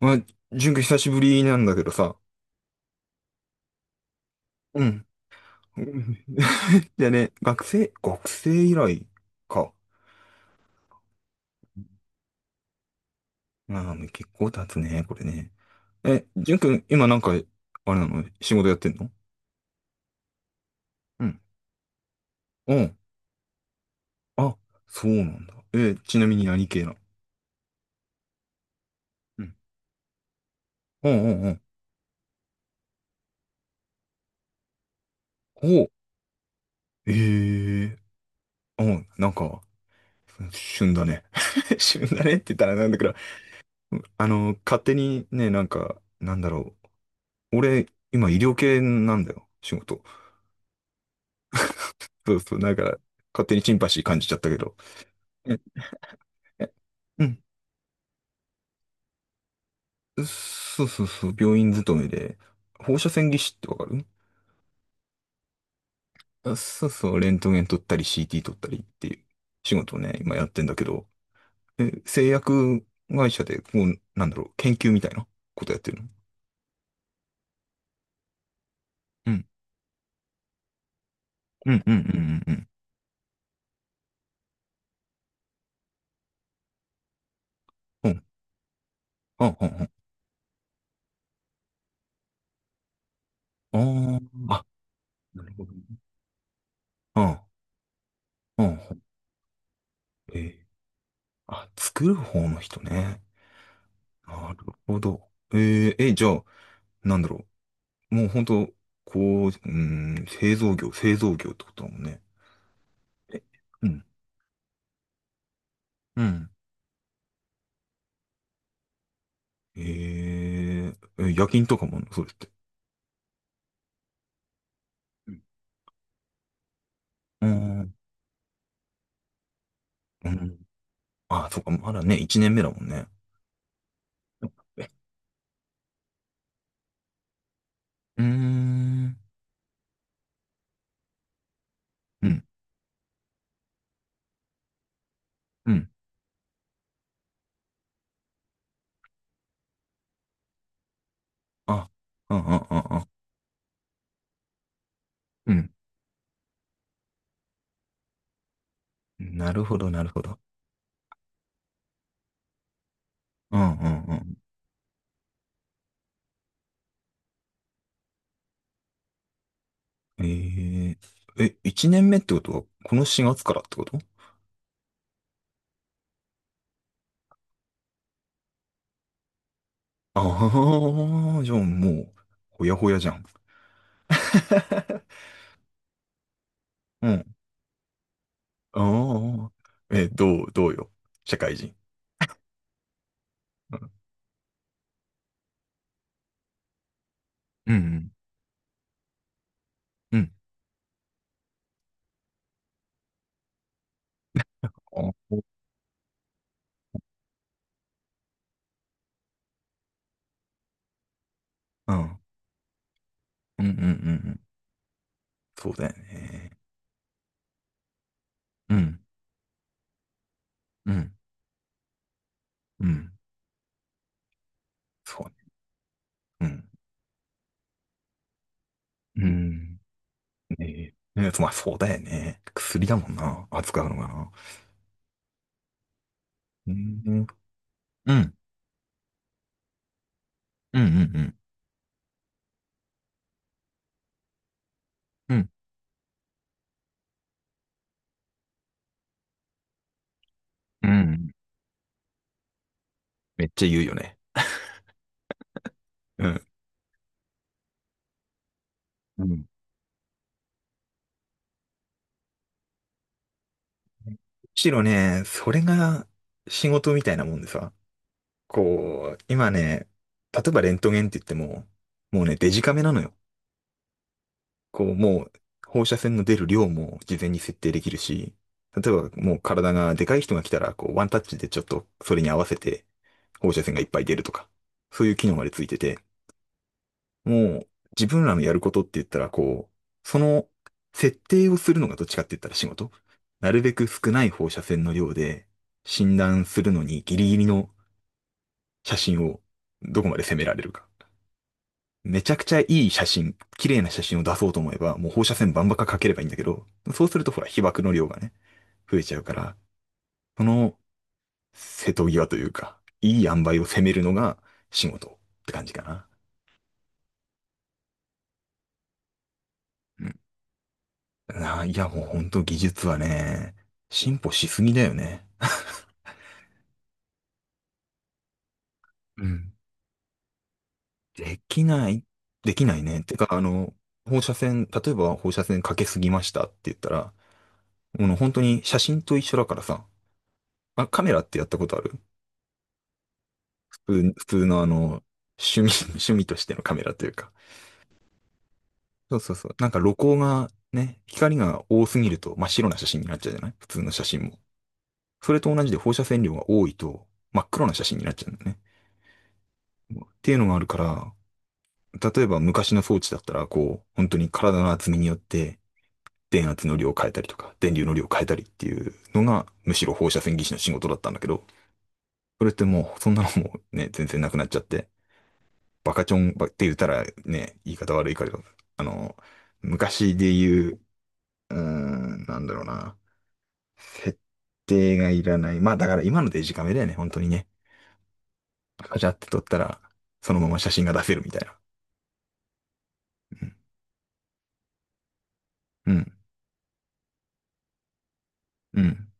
まあ、純君久しぶりなんだけどさ。うん。でね、学生以来か。まあ、結構経つね、これね。え、純君、今なんか、あれなの仕事やってんの？うん。うん。あ、そうなんだ。え、ちなみに何系なの？うんうんうんうん。ほう。ええー。うん、なんか、旬だね。旬だねって言ったらなんだけど、あの、勝手にね、なんか、なんだろう。俺、今医療系なんだよ、仕事。そうそう、なんか、勝手にシンパシー感じちゃったけど。ええ、うん。そうそうそう、病院勤めで、放射線技師ってわかる？あ、そうそう、レントゲン撮ったり CT 撮ったりっていう仕事をね、今やってんだけど、え、製薬会社で、こう、なんだろう、研究みたいなことやってるの？うん。うんうんうんうんうん。うん。あ、あ、あ、あ、あ、なるほどね。あ、あ、あ、えーあ、作る方の人ね。なるほど。え、じゃあ、なんだろう。もう本当、こう、うん、製造業ってことだもんね。え、うん。うん。ええ、夜勤とかもあんのそれって？うん、うーん、うん。あ、そうか、まだね、一年目だもんね。え、うーん、うん、うん。あ、うん、うん、うん、うん。うん、なるほど、なるほど。うん、うん、うん。えー、え、一年目ってことは、この4月からってこと？ああー、じゃあもう、ほやほやじゃん。うん、ああ、え、どうよ。社会人。うん。うん、うん。あ、うん。うん、うん、うん。うん、そうだよね。うん、うん、うん。そうね。うん。うん。ねえ。ねえ、まあ、そうだよね。薬だもんな。扱うのがな。うん。うん、うん、うん、うん、うん、めっちゃ言うよね。うん。む、うん。むしろね、それが仕事みたいなもんでさ。こう、今ね、例えばレントゲンって言っても、もうね、デジカメなのよ。こう、もう、放射線の出る量も事前に設定できるし、例えばもう体がでかい人が来たら、こう、ワンタッチでちょっとそれに合わせて放射線がいっぱい出るとか、そういう機能までついてて、もう、自分らのやることって言ったら、こう、その設定をするのがどっちかって言ったら仕事。なるべく少ない放射線の量で診断するのにギリギリの写真をどこまで攻められるか。めちゃくちゃいい写真、綺麗な写真を出そうと思えば、もう放射線バンバカかければいいんだけど、そうするとほら、被曝の量がね、増えちゃうから、その瀬戸際というか、いい塩梅を攻めるのが仕事って感じかな。うん、あ、いや、もうほんと技術はね、進歩しすぎだよね。うん。できない、できないね。てか、あの、放射線、例えば放射線かけすぎましたって言ったら、もう本当に写真と一緒だからさ、あ、カメラってやったことある？普通のあの、趣味、趣味としてのカメラというか。そうそうそう。なんか露光がね、光が多すぎると真っ白な写真になっちゃうじゃない、普通の写真も。それと同じで放射線量が多いと真っ黒な写真になっちゃうんだよね。っていうのがあるから、例えば昔の装置だったら、こう、本当に体の厚みによって電圧の量を変えたりとか、電流の量を変えたりっていうのが、むしろ放射線技師の仕事だったんだけど、それってもう、そんなのもね、全然なくなっちゃって、バカチョンばって言ったらね、言い方悪いから、あの、昔で言う、うーん、なんだろうな。設定がいらない。まあだから今のデジカメだよね、本当にね。カチャって撮ったら、そのまま写真が出せるみたいな。うん、うん、うん。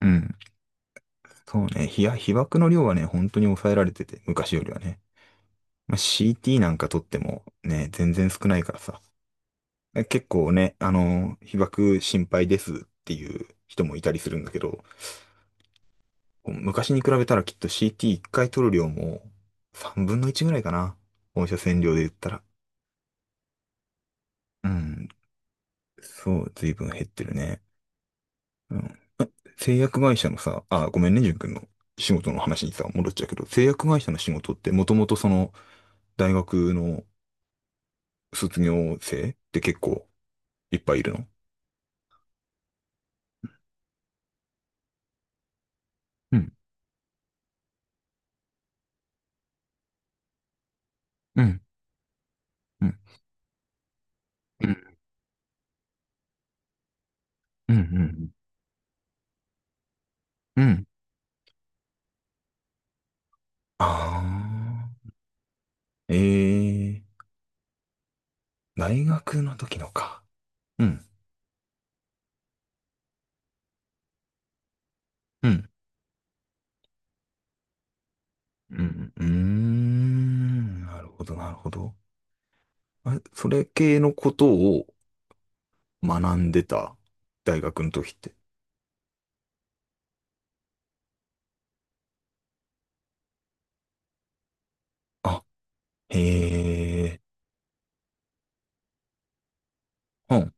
うん、そうね、被爆の量はね、本当に抑えられてて、昔よりはね。まあ、CT なんか撮ってもね、全然少ないからさ。結構ね、あの、被爆心配ですっていう人もいたりするんだけど、昔に比べたらきっと CT1 回取る量も3分の1ぐらいかな。放射線量で言ったら。うん。そう、随分減ってるね。うん。製薬会社のさ、あ、ごめんね、淳君の仕事の話にさ、戻っちゃうけど、製薬会社の仕事ってもともとその、大学の卒業生って結構いっぱいいるの？うんうんうんうんうんうんうんうん。ああー、ええー、大学の時のか。うんうん。うん、うーん、なるほど、なるほど。あれ、それ系のことを学んでた、大学の時って。あ、へえ、うん、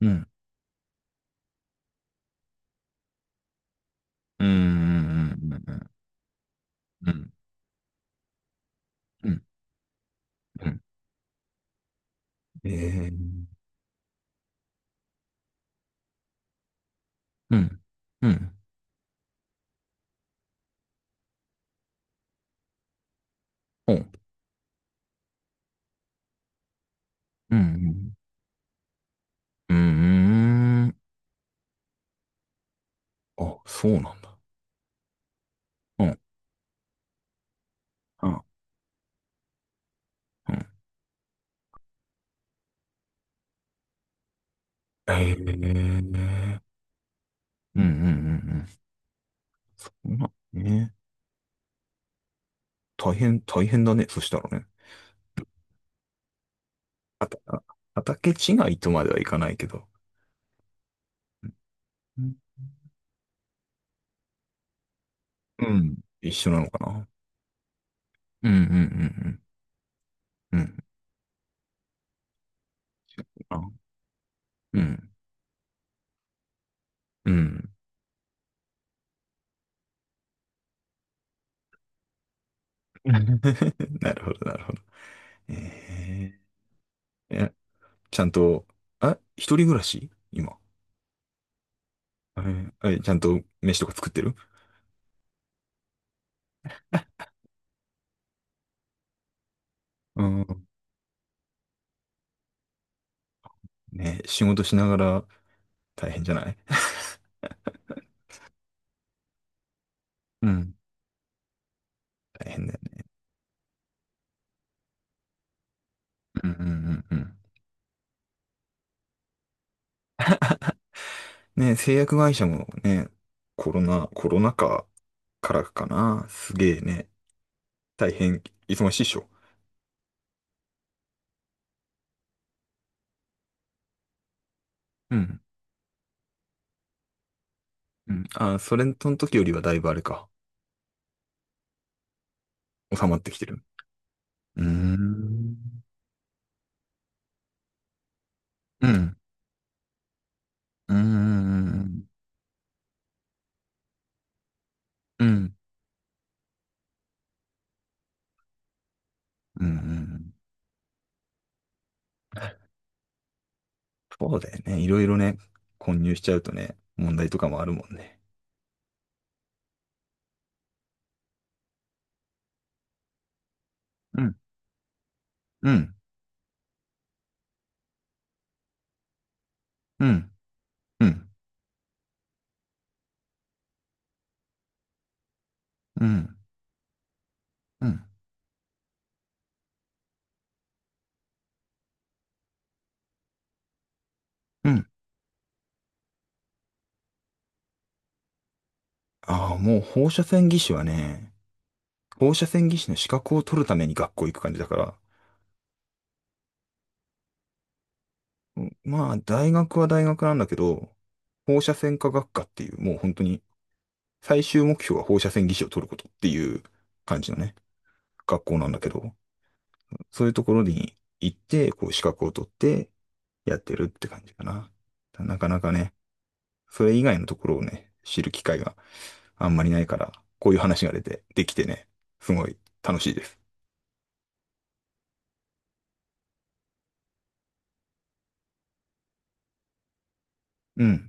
うん、うん、うん、うん、うん、うん、うん、うん、へえ、うん、うん、うん、うん、うん、うん、あ、そうなんだ。うん、うん、うん、へえ、うん、うん、うん、うん、まあね、大変、大変だね、そしたらね。あた、あ畑違いとまではいかないけど、うん、うん、一緒なのかな。うんうんうんうんうん。うん。うん。なるほど、なるほど。ええ、ちゃんと、あ、一人暮らし今？え、ちゃんと飯とか作ってる？うん。ね、仕事しながら大変じゃない？うん。大変だよね。うんうんうんうん。ね、製薬会社もね、コロナ禍からかな。すげえね。大変忙しいっしょ？うん。うん。あ、それの時よりはだいぶあれか。収まってきてる。うーん。うん。うーん。うん。うん。そうだよね。いろいろね、混入しちゃうとね、問題とかもあるもんね。うん。うん。うん。うん。うん。うん。うん。ああ、もう放射線技師はね、放射線技師の資格を取るために学校行く感じだから、うん、まあ、大学は大学なんだけど、放射線科学科っていう、もう本当に最終目標は放射線技師を取ることっていう感じのね、学校なんだけど、そういうところに行って、こう資格を取ってやってるって感じかな。なかなかね、それ以外のところをね、知る機会があんまりないから、こういう話が出て、できてね、すごい楽しいです。うん。